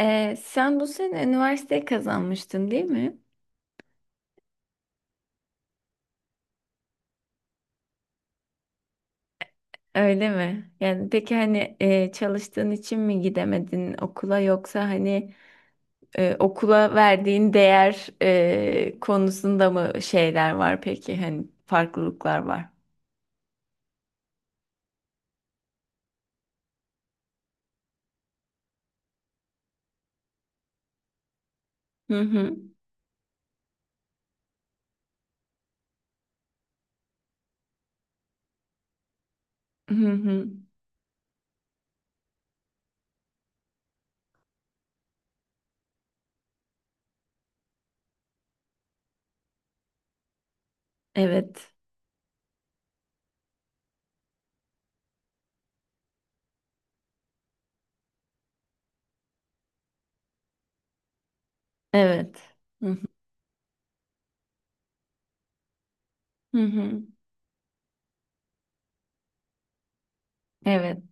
Sen bu sene üniversiteyi kazanmıştın değil mi? Öyle mi? Yani peki hani çalıştığın için mi gidemedin okula yoksa hani okula verdiğin değer konusunda mı şeyler var peki hani farklılıklar var? Hı hı. Hı hı. Evet. Evet. Hı hı. Hı hı. Evet.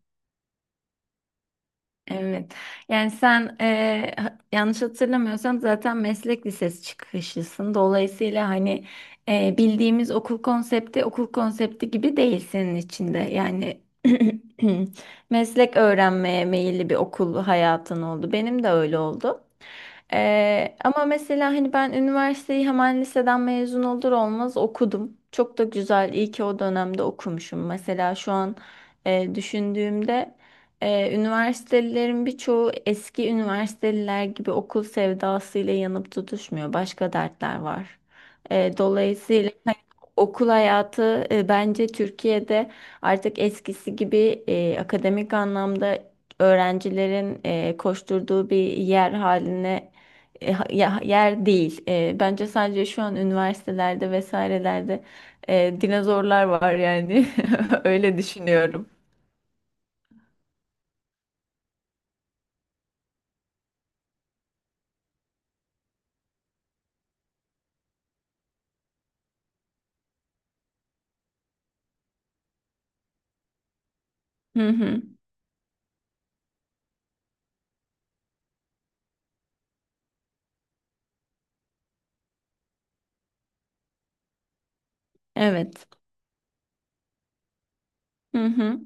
Evet. Yani sen yanlış hatırlamıyorsam zaten meslek lisesi çıkışlısın. Dolayısıyla hani bildiğimiz okul konsepti gibi değil senin içinde. Yani meslek öğrenmeye meyilli bir okul hayatın oldu. Benim de öyle oldu. Ama mesela hani ben üniversiteyi hemen liseden mezun olur olmaz okudum. Çok da güzel. İyi ki o dönemde okumuşum. Mesela şu an düşündüğümde. Üniversitelilerin birçoğu eski üniversiteliler gibi okul sevdasıyla yanıp tutuşmuyor. Başka dertler var. Dolayısıyla okul hayatı bence Türkiye'de artık eskisi gibi akademik anlamda öğrencilerin koşturduğu bir yer haline yer değil. Bence sadece şu an üniversitelerde vesairelerde dinozorlar var yani. Öyle düşünüyorum. Hı hı. Evet. Hı hı.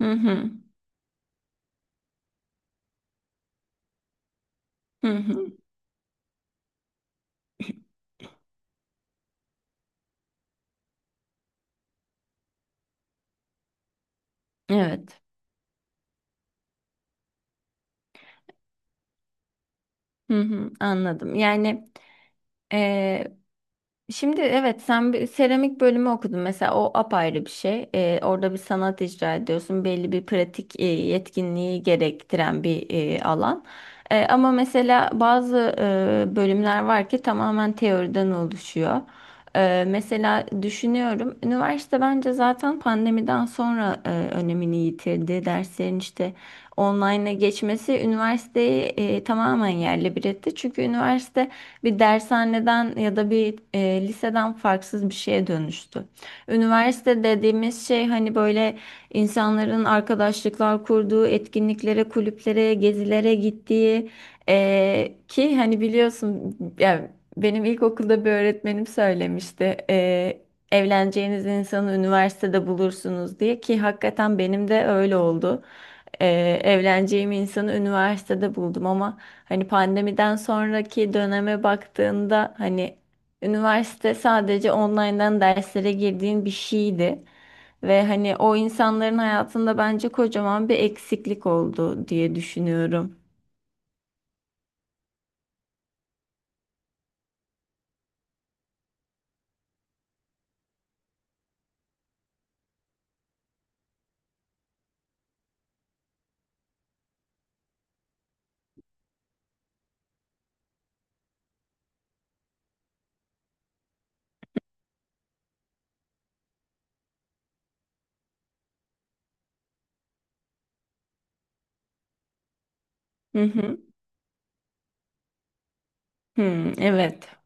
Hı hı. Hı hı. Evet. Hı hı. Anladım. Ee, Şimdi evet sen bir seramik bölümü okudun mesela o apayrı bir şey. Orada bir sanat icra ediyorsun. Belli bir pratik yetkinliği gerektiren bir alan. Ama mesela bazı bölümler var ki tamamen teoriden oluşuyor. Mesela düşünüyorum üniversite bence zaten pandemiden sonra önemini yitirdi. Derslerin işte online'a geçmesi üniversiteyi tamamen yerle bir etti. Çünkü üniversite bir dershaneden ya da bir liseden farksız bir şeye dönüştü. Üniversite dediğimiz şey hani böyle insanların arkadaşlıklar kurduğu, etkinliklere, kulüplere, gezilere gittiği ki hani biliyorsun yani benim ilkokulda bir öğretmenim söylemişti. Evleneceğiniz insanı üniversitede bulursunuz diye ki hakikaten benim de öyle oldu, evleneceğim insanı üniversitede buldum ama hani pandemiden sonraki döneme baktığında hani üniversite sadece online'dan derslere girdiğin bir şeydi. Ve hani o insanların hayatında bence kocaman bir eksiklik oldu diye düşünüyorum. Hı hı. Hı, evet.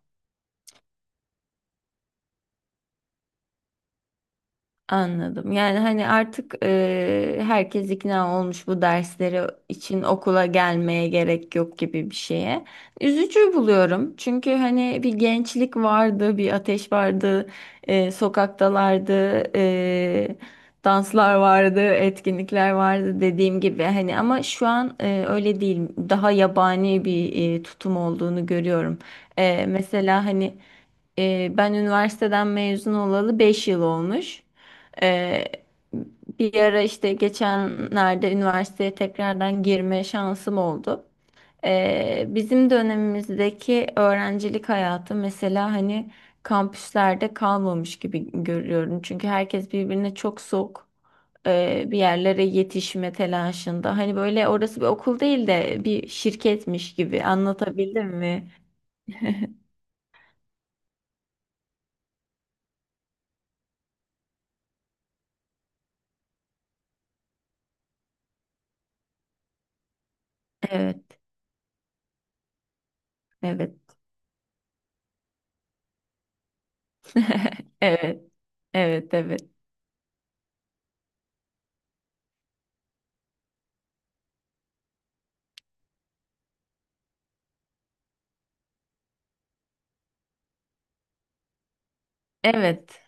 Anladım. Yani hani artık herkes ikna olmuş bu dersleri için okula gelmeye gerek yok gibi bir şeye. Üzücü buluyorum. Çünkü hani bir gençlik vardı, bir ateş vardı, sokaktalardı, danslar vardı, etkinlikler vardı dediğim gibi. Hani ama şu an öyle değil. Daha yabani bir tutum olduğunu görüyorum. Mesela hani ben üniversiteden mezun olalı 5 yıl olmuş. Ee, Bir ara işte geçenlerde üniversiteye tekrardan girme şansım oldu. Bizim dönemimizdeki öğrencilik hayatı mesela hani kampüslerde kalmamış gibi görüyorum. Çünkü herkes birbirine çok soğuk bir yerlere yetişme telaşında. Hani böyle orası bir okul değil de bir şirketmiş gibi anlatabildim mi? Evet, evet. Evet, evet, evet. Evet.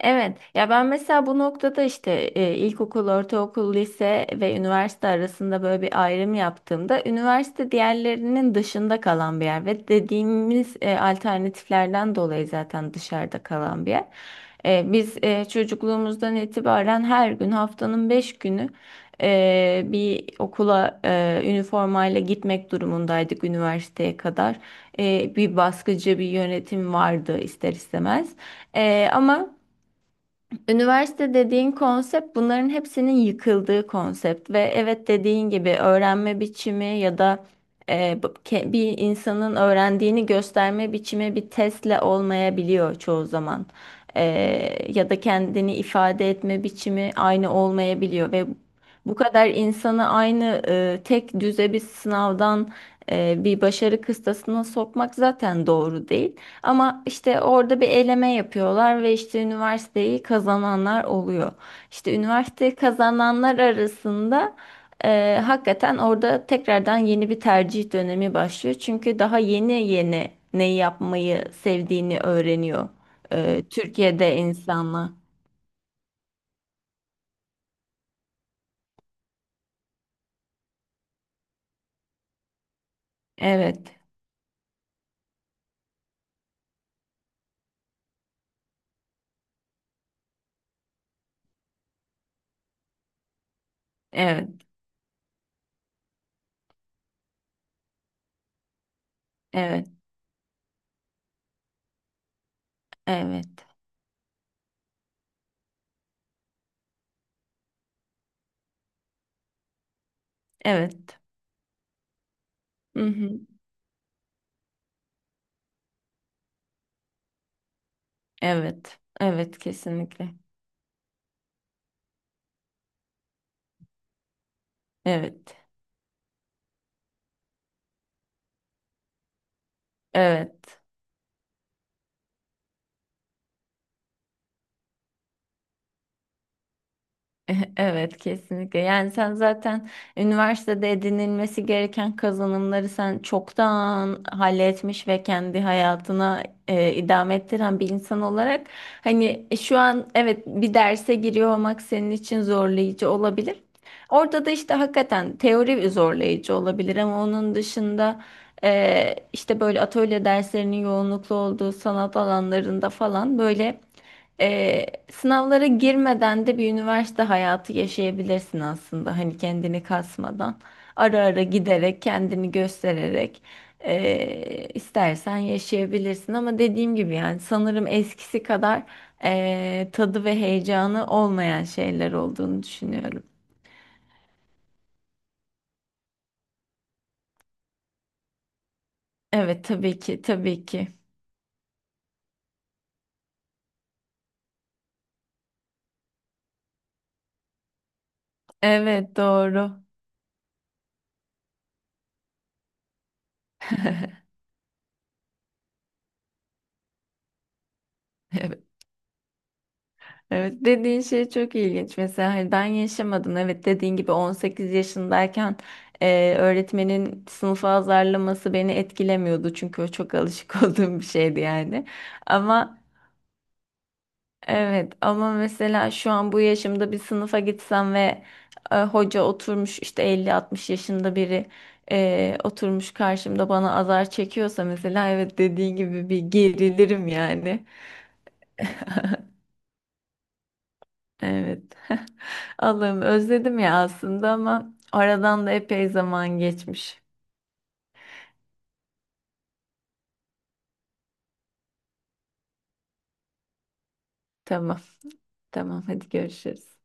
Evet ya, ben mesela bu noktada işte ilkokul, ortaokul, lise ve üniversite arasında böyle bir ayrım yaptığımda üniversite diğerlerinin dışında kalan bir yer ve dediğimiz alternatiflerden dolayı zaten dışarıda kalan bir yer. Biz çocukluğumuzdan itibaren her gün haftanın 5 günü bir okula üniformayla gitmek durumundaydık üniversiteye kadar. Bir baskıcı bir yönetim vardı ister istemez. E, ama Üniversite dediğin konsept bunların hepsinin yıkıldığı konsept ve evet dediğin gibi öğrenme biçimi ya da bir insanın öğrendiğini gösterme biçimi bir testle olmayabiliyor çoğu zaman. E, Ya da kendini ifade etme biçimi aynı olmayabiliyor ve bu kadar insanı aynı, tek düze bir sınavdan bir başarı kıstasına sokmak zaten doğru değil. Ama işte orada bir eleme yapıyorlar ve işte üniversiteyi kazananlar oluyor. İşte üniversiteyi kazananlar arasında hakikaten orada tekrardan yeni bir tercih dönemi başlıyor. Çünkü daha yeni yeni neyi yapmayı sevdiğini öğreniyor Türkiye'de insanlar. Evet, evet, evet, evet, evet. Hı hı. Evet, evet kesinlikle. Evet, evet. Evet kesinlikle. Yani sen zaten üniversitede edinilmesi gereken kazanımları sen çoktan halletmiş ve kendi hayatına idame ettiren bir insan olarak hani şu an evet bir derse giriyor olmak senin için zorlayıcı olabilir. Orada da işte hakikaten teori zorlayıcı olabilir ama onun dışında işte böyle atölye derslerinin yoğunluklu olduğu sanat alanlarında falan böyle ee, sınavlara girmeden de bir üniversite hayatı yaşayabilirsin aslında. Hani kendini kasmadan, ara ara giderek, kendini göstererek istersen yaşayabilirsin. Ama dediğim gibi yani sanırım eskisi kadar tadı ve heyecanı olmayan şeyler olduğunu düşünüyorum. Evet tabii ki, tabii ki. Evet doğru. Evet dediğin şey çok ilginç. Mesela hani ben yaşamadım. Evet dediğin gibi 18 yaşındayken öğretmenin sınıfa azarlaması beni etkilemiyordu. Çünkü o çok alışık olduğum bir şeydi yani. Ama evet ama mesela şu an bu yaşımda bir sınıfa gitsem ve hoca oturmuş işte 50-60 yaşında biri oturmuş karşımda bana azar çekiyorsa mesela evet dediğin gibi bir gerilirim yani. Evet. Allah'ım özledim ya aslında ama aradan da epey zaman geçmiş. Tamam, tamam hadi görüşürüz.